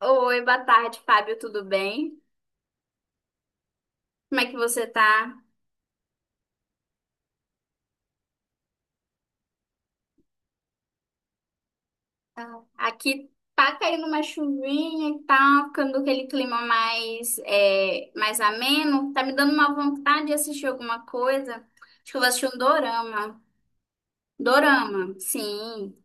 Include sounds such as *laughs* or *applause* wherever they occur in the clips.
Oi, boa tarde, Fábio, tudo bem? Como é que você tá? Aqui tá caindo uma chuvinha e tá ficando aquele clima mais, mais ameno. Tá me dando uma vontade de assistir alguma coisa. Acho que eu vou assistir um dorama. Dorama, sim,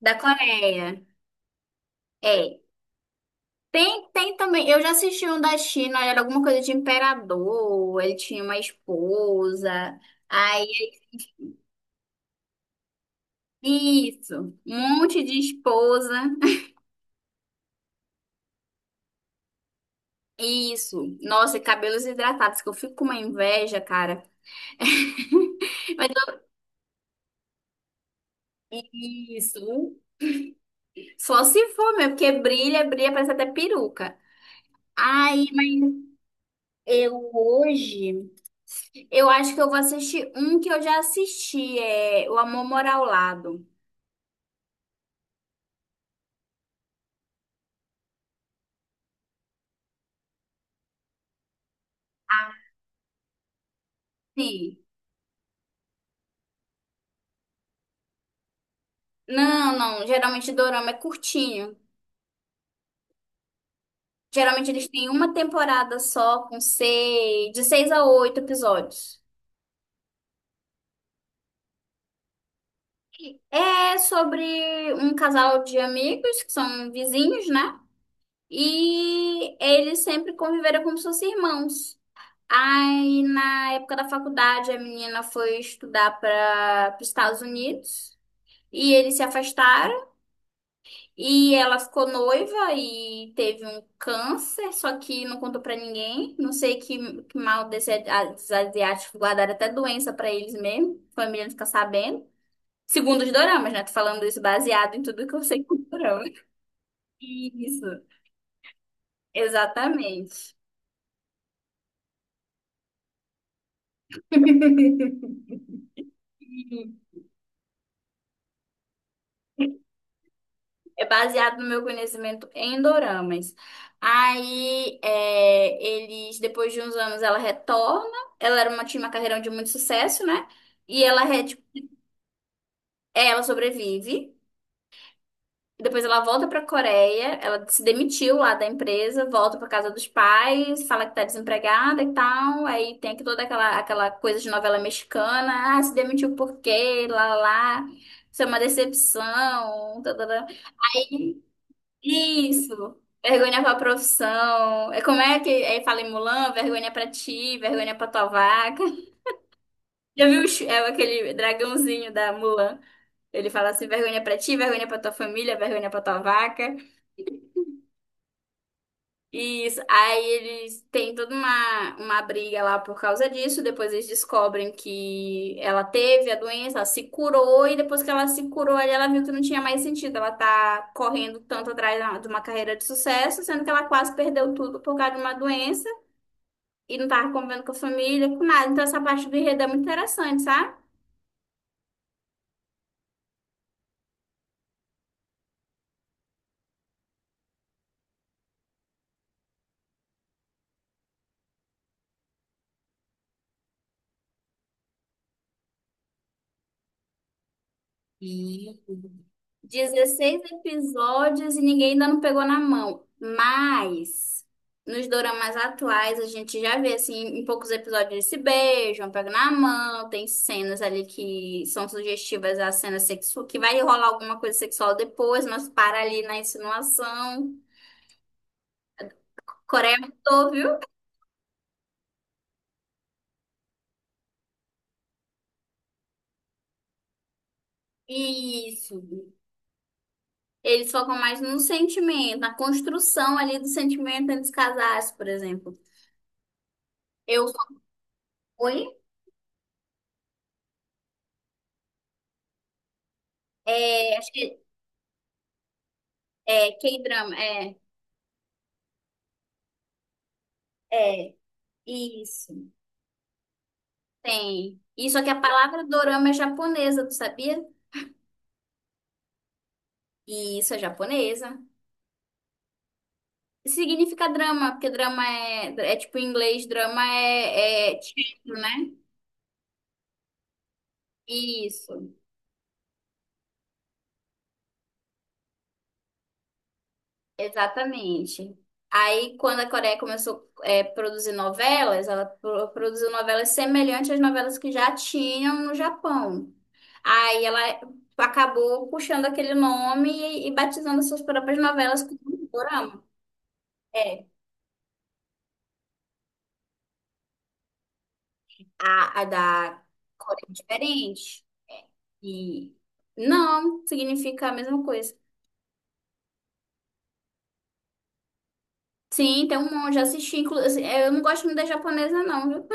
da Coreia. É. Tem, tem também. Eu já assisti um da China, era alguma coisa de imperador, ele tinha uma esposa. Aí, isso, um monte de esposa. Isso. Nossa, e cabelos hidratados, que eu fico com uma inveja, cara. *laughs* Mas eu- Isso. Só se for, meu, porque brilha, brilha, parece até peruca. Ai, eu hoje, eu acho que eu vou assistir um que eu já assisti, é O Amor Mora ao Lado. Sim. Não, não, geralmente Dorama é curtinho. Geralmente eles têm uma temporada só, com seis, de seis a oito episódios. É sobre um casal de amigos que são vizinhos, né? E eles sempre conviveram como se fossem irmãos. Aí, na época da faculdade, a menina foi estudar para os Estados Unidos e eles se afastaram. E ela ficou noiva e teve um câncer, só que não contou para ninguém. Não sei que mal desse, dos asiáticos guardaram até doença para eles mesmo. A família não fica sabendo. Segundo os doramas, né? Tô falando isso baseado em tudo que eu sei com dorama. Isso, exatamente. *laughs* É baseado no meu conhecimento em doramas. Aí, depois de uns anos, ela retorna. Ela tinha uma carreira de muito sucesso, né? Tipo, ela sobrevive. Depois ela volta pra Coreia. Ela se demitiu lá da empresa, volta pra casa dos pais, fala que tá desempregada e tal. Aí tem aqui toda aquela coisa de novela mexicana. Ah, se demitiu por quê? Lá, lá, lá. Isso é uma decepção. Tadadã. Isso. Vergonha pra profissão. É como é que aí fala em Mulan? Vergonha pra ti, vergonha pra tua vaca. *laughs* Já viu o é aquele dragãozinho da Mulan? Ele fala assim: vergonha pra ti, vergonha pra tua família, vergonha pra tua vaca. Isso. Aí eles têm toda uma briga lá por causa disso. Depois eles descobrem que ela teve a doença, ela se curou, e depois que ela se curou, aí ela viu que não tinha mais sentido. Ela tá correndo tanto atrás de uma carreira de sucesso, sendo que ela quase perdeu tudo por causa de uma doença e não tava convivendo com a família, com nada. Então essa parte do enredo é muito interessante, sabe? 16 episódios e ninguém ainda não pegou na mão. Mas nos doramas atuais a gente já vê assim, em poucos episódios eles se beijam, pegam na mão, tem cenas ali que são sugestivas à cena sexual, que vai rolar alguma coisa sexual depois, mas para ali na insinuação. Coreia mudou, viu? Isso. Eles focam mais no sentimento, na construção ali do sentimento antes de casar, por exemplo. Eu só fui, é, acho que é K-drama, é. É, isso. Tem. Isso que a palavra dorama é japonesa, tu sabia? E isso é japonesa. Significa drama, porque drama é, tipo em inglês, drama é, teatro, né? Isso, exatamente. Aí, quando a Coreia começou a produzir novelas, ela produziu novelas semelhantes às novelas que já tinham no Japão. Aí ela acabou puxando aquele nome e, batizando suas próprias novelas como dorama. É. A da Coreia é diferente. E não, significa a mesma coisa. Sim, tem um monte. Já assisti, inclusive. Eu não gosto muito da japonesa, não.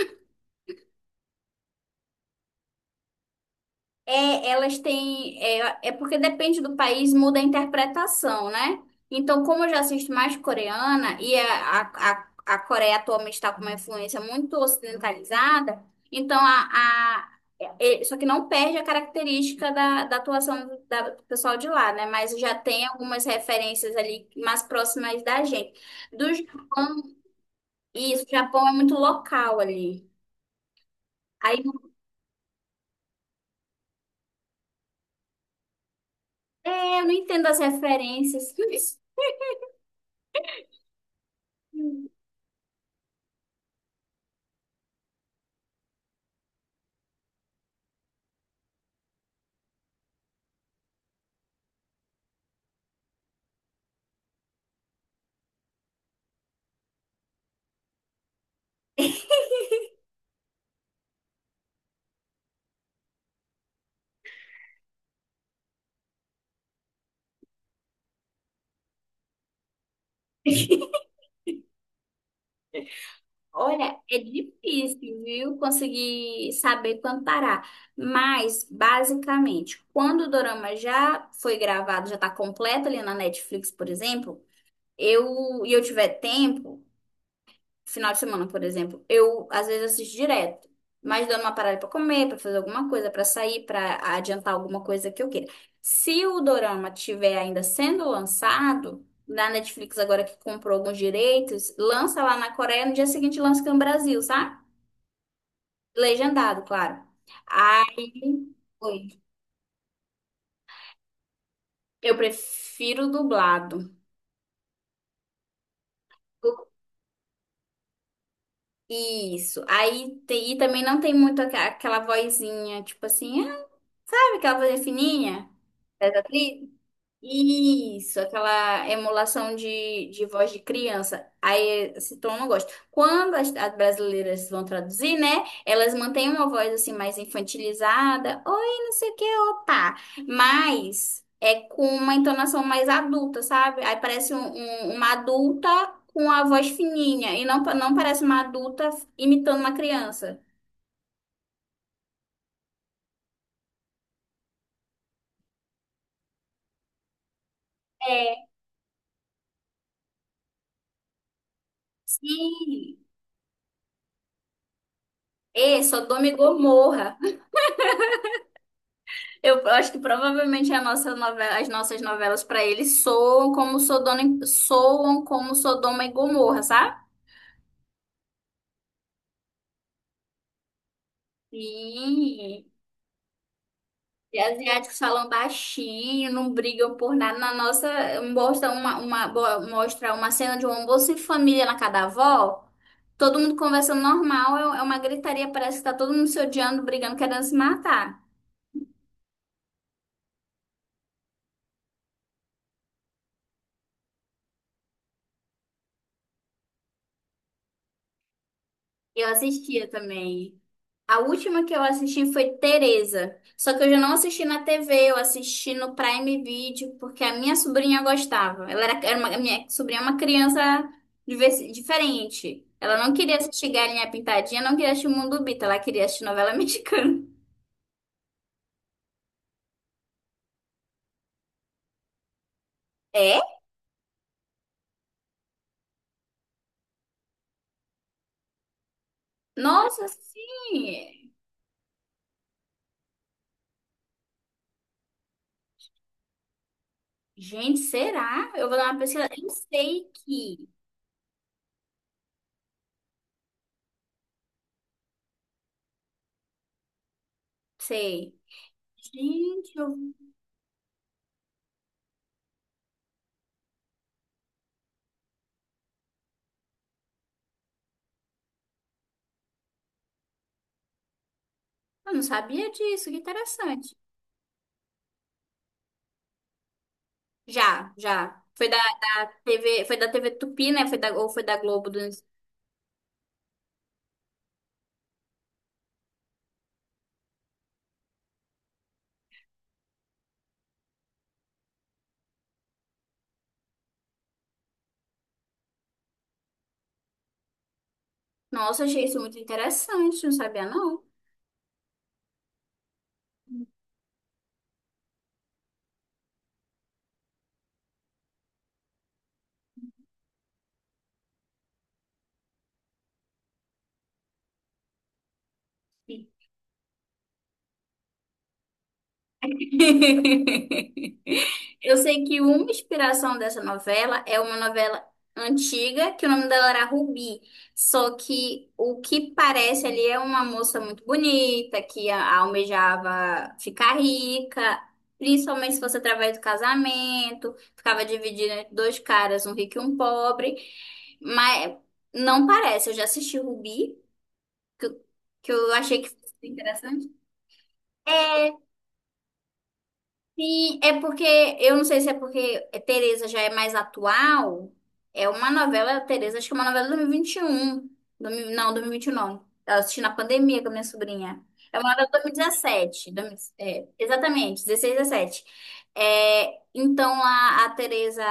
É, elas têm. É, é porque depende do país, muda a interpretação, né? Então, como eu já assisto mais coreana e a Coreia atualmente está com uma influência muito ocidentalizada, então a, só que não perde a característica da atuação do pessoal de lá, né? Mas já tem algumas referências ali mais próximas da gente. Do Japão, isso, o Japão é muito local ali. Aí, eu não entendo as referências. *laughs* Olha, é difícil, viu? Conseguir saber quando parar. Mas, basicamente, quando o dorama já foi gravado, já tá completo ali na Netflix, por exemplo, eu tiver tempo, final de semana, por exemplo, eu às vezes assisto direto. Mas dando uma parada pra comer, pra fazer alguma coisa, pra sair, pra adiantar alguma coisa que eu queira. Se o dorama tiver ainda sendo lançado, na Netflix agora que comprou alguns direitos, lança lá na Coreia, no dia seguinte lança aqui no Brasil, sabe? Legendado, claro. Aí, oi. Eu prefiro dublado. Isso. E também não tem muito aquela vozinha, tipo assim, ah, sabe aquela vozinha fininha das atrizes. Isso, aquela emulação de voz de criança. Aí esse tom eu não gosto. Quando as brasileiras vão traduzir, né? Elas mantêm uma voz assim mais infantilizada. Oi, não sei o que, opa. Mas é com uma entonação mais adulta, sabe? Aí parece uma adulta com a voz fininha. E não, não parece uma adulta imitando uma criança. É. Sim. É Sodoma e Gomorra. Eu acho que provavelmente as nossas novelas para eles soam como Sodoma, soam como Sodoma e Gomorra, sabe? E, e asiáticos falam baixinho, não brigam por nada. Na nossa, mostra uma cena de um almoço em família na casa da avó. Todo mundo conversando normal, é uma gritaria, parece que tá todo mundo se odiando, brigando, querendo se matar. Eu assistia também. A última que eu assisti foi Teresa. Só que eu já não assisti na TV, eu assisti no Prime Video, porque a minha sobrinha gostava. Ela era, era uma, a minha sobrinha é uma criança diferente. Ela não queria assistir Galinha Pintadinha, não queria assistir Mundo Bita, ela queria assistir novela *laughs* mexicana. É? Nossa, sim! Gente, será? Eu vou dar uma pesquisa. Eu sei que. Sei. Gente, eu não sabia disso, que interessante. Já, já. Foi da TV Tupi, né? Ou foi da Globo. Nossa, achei isso é muito interessante, não sabia, não. *laughs* Eu sei que uma inspiração dessa novela é uma novela antiga, que o nome dela era Rubi. Só que o que parece ali é uma moça muito bonita, que almejava ficar rica, principalmente se fosse através do casamento, ficava dividida entre dois caras, um rico e um pobre. Mas não parece, eu já assisti Rubi, que eu, que eu achei que foi interessante. É, sim, é porque, eu não sei se é porque Tereza já é mais atual, é uma novela, Tereza, acho que é uma novela de 2021, não, 2029, eu assisti na pandemia com a minha sobrinha, é uma novela de 2017, é, exatamente, 16, 17, é, então a Tereza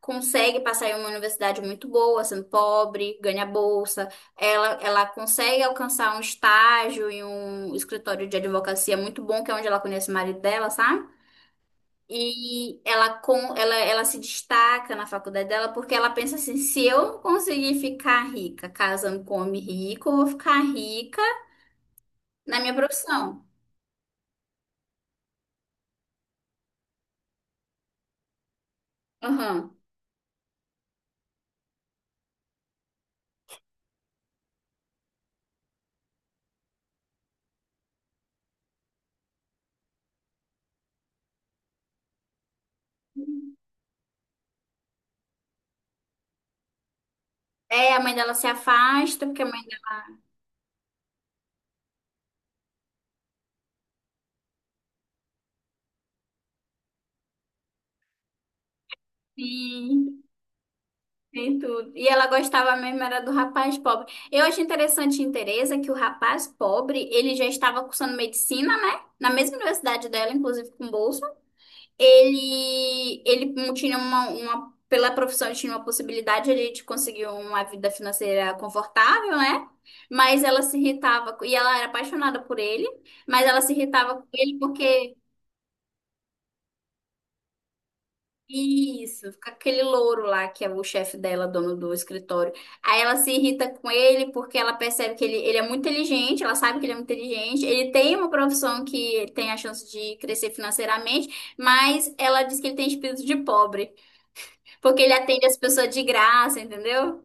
consegue passar em uma universidade muito boa, sendo pobre, ganha bolsa, ela consegue alcançar um estágio em um escritório de advocacia muito bom, que é onde ela conhece o marido dela, sabe? E ela se destaca na faculdade dela porque ela pensa assim: se eu conseguir ficar rica casando com homem rico, eu vou ficar rica na minha profissão. Aham. É, a mãe dela se afasta porque a mãe dela tem, tem tudo. E ela gostava mesmo era do rapaz pobre. Eu acho interessante em Teresa que o rapaz pobre, ele já estava cursando medicina, né? Na mesma universidade dela, inclusive com bolsa. Ele tinha uma, pela profissão, ele tinha uma possibilidade ali de conseguir uma vida financeira confortável, né? Mas ela se irritava, e ela era apaixonada por ele, mas ela se irritava com ele porque, isso, com aquele louro lá, que é o chefe dela, dono do escritório. Aí ela se irrita com ele porque ela percebe que ele é muito inteligente, ela sabe que ele é muito inteligente, ele tem uma profissão que tem a chance de crescer financeiramente, mas ela diz que ele tem espírito de pobre. Porque ele atende as pessoas de graça, entendeu?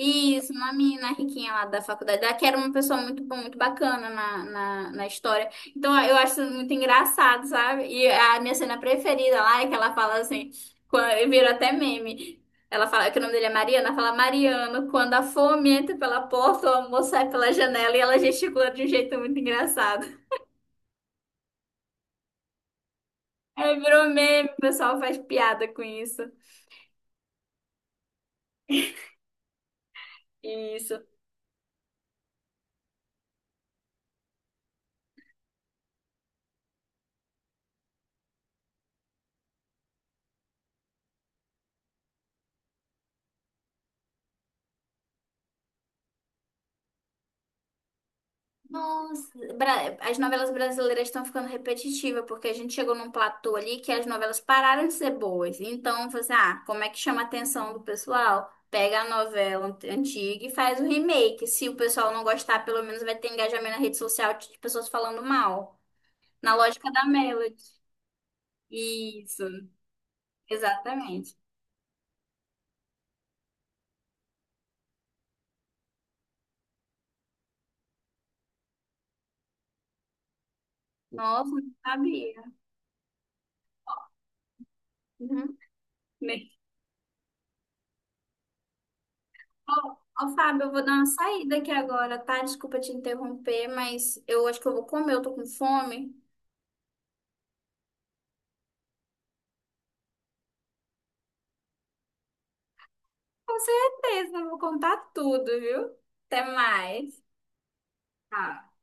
Isso, uma menina riquinha lá da faculdade, ela que era uma pessoa muito boa, muito bacana na história. Então eu acho isso muito engraçado, sabe? E a minha cena preferida lá é que ela fala assim, quando, vira até meme. Ela fala que o nome dele é Mariana, ela fala Mariano, quando a fome entra pela porta, o amor sai pela janela e ela gesticula de um jeito muito engraçado. Aí virou meme, o pessoal faz piada com isso. Isso. Nossa, as novelas brasileiras estão ficando repetitivas, porque a gente chegou num platô ali que as novelas pararam de ser boas. Então, você, ah, como é que chama a atenção do pessoal? Pega a novela antiga e faz o remake. Se o pessoal não gostar, pelo menos vai ter engajamento na rede social de pessoas falando mal. Na lógica da Melody. Isso, exatamente. Nossa, não sabia. Uhum. Ó, ó, Fábio, eu vou dar uma saída aqui agora, tá? Desculpa te interromper, mas eu acho que eu vou comer, eu tô com fome. Com certeza, eu vou contar tudo, viu? Até mais. Tchau.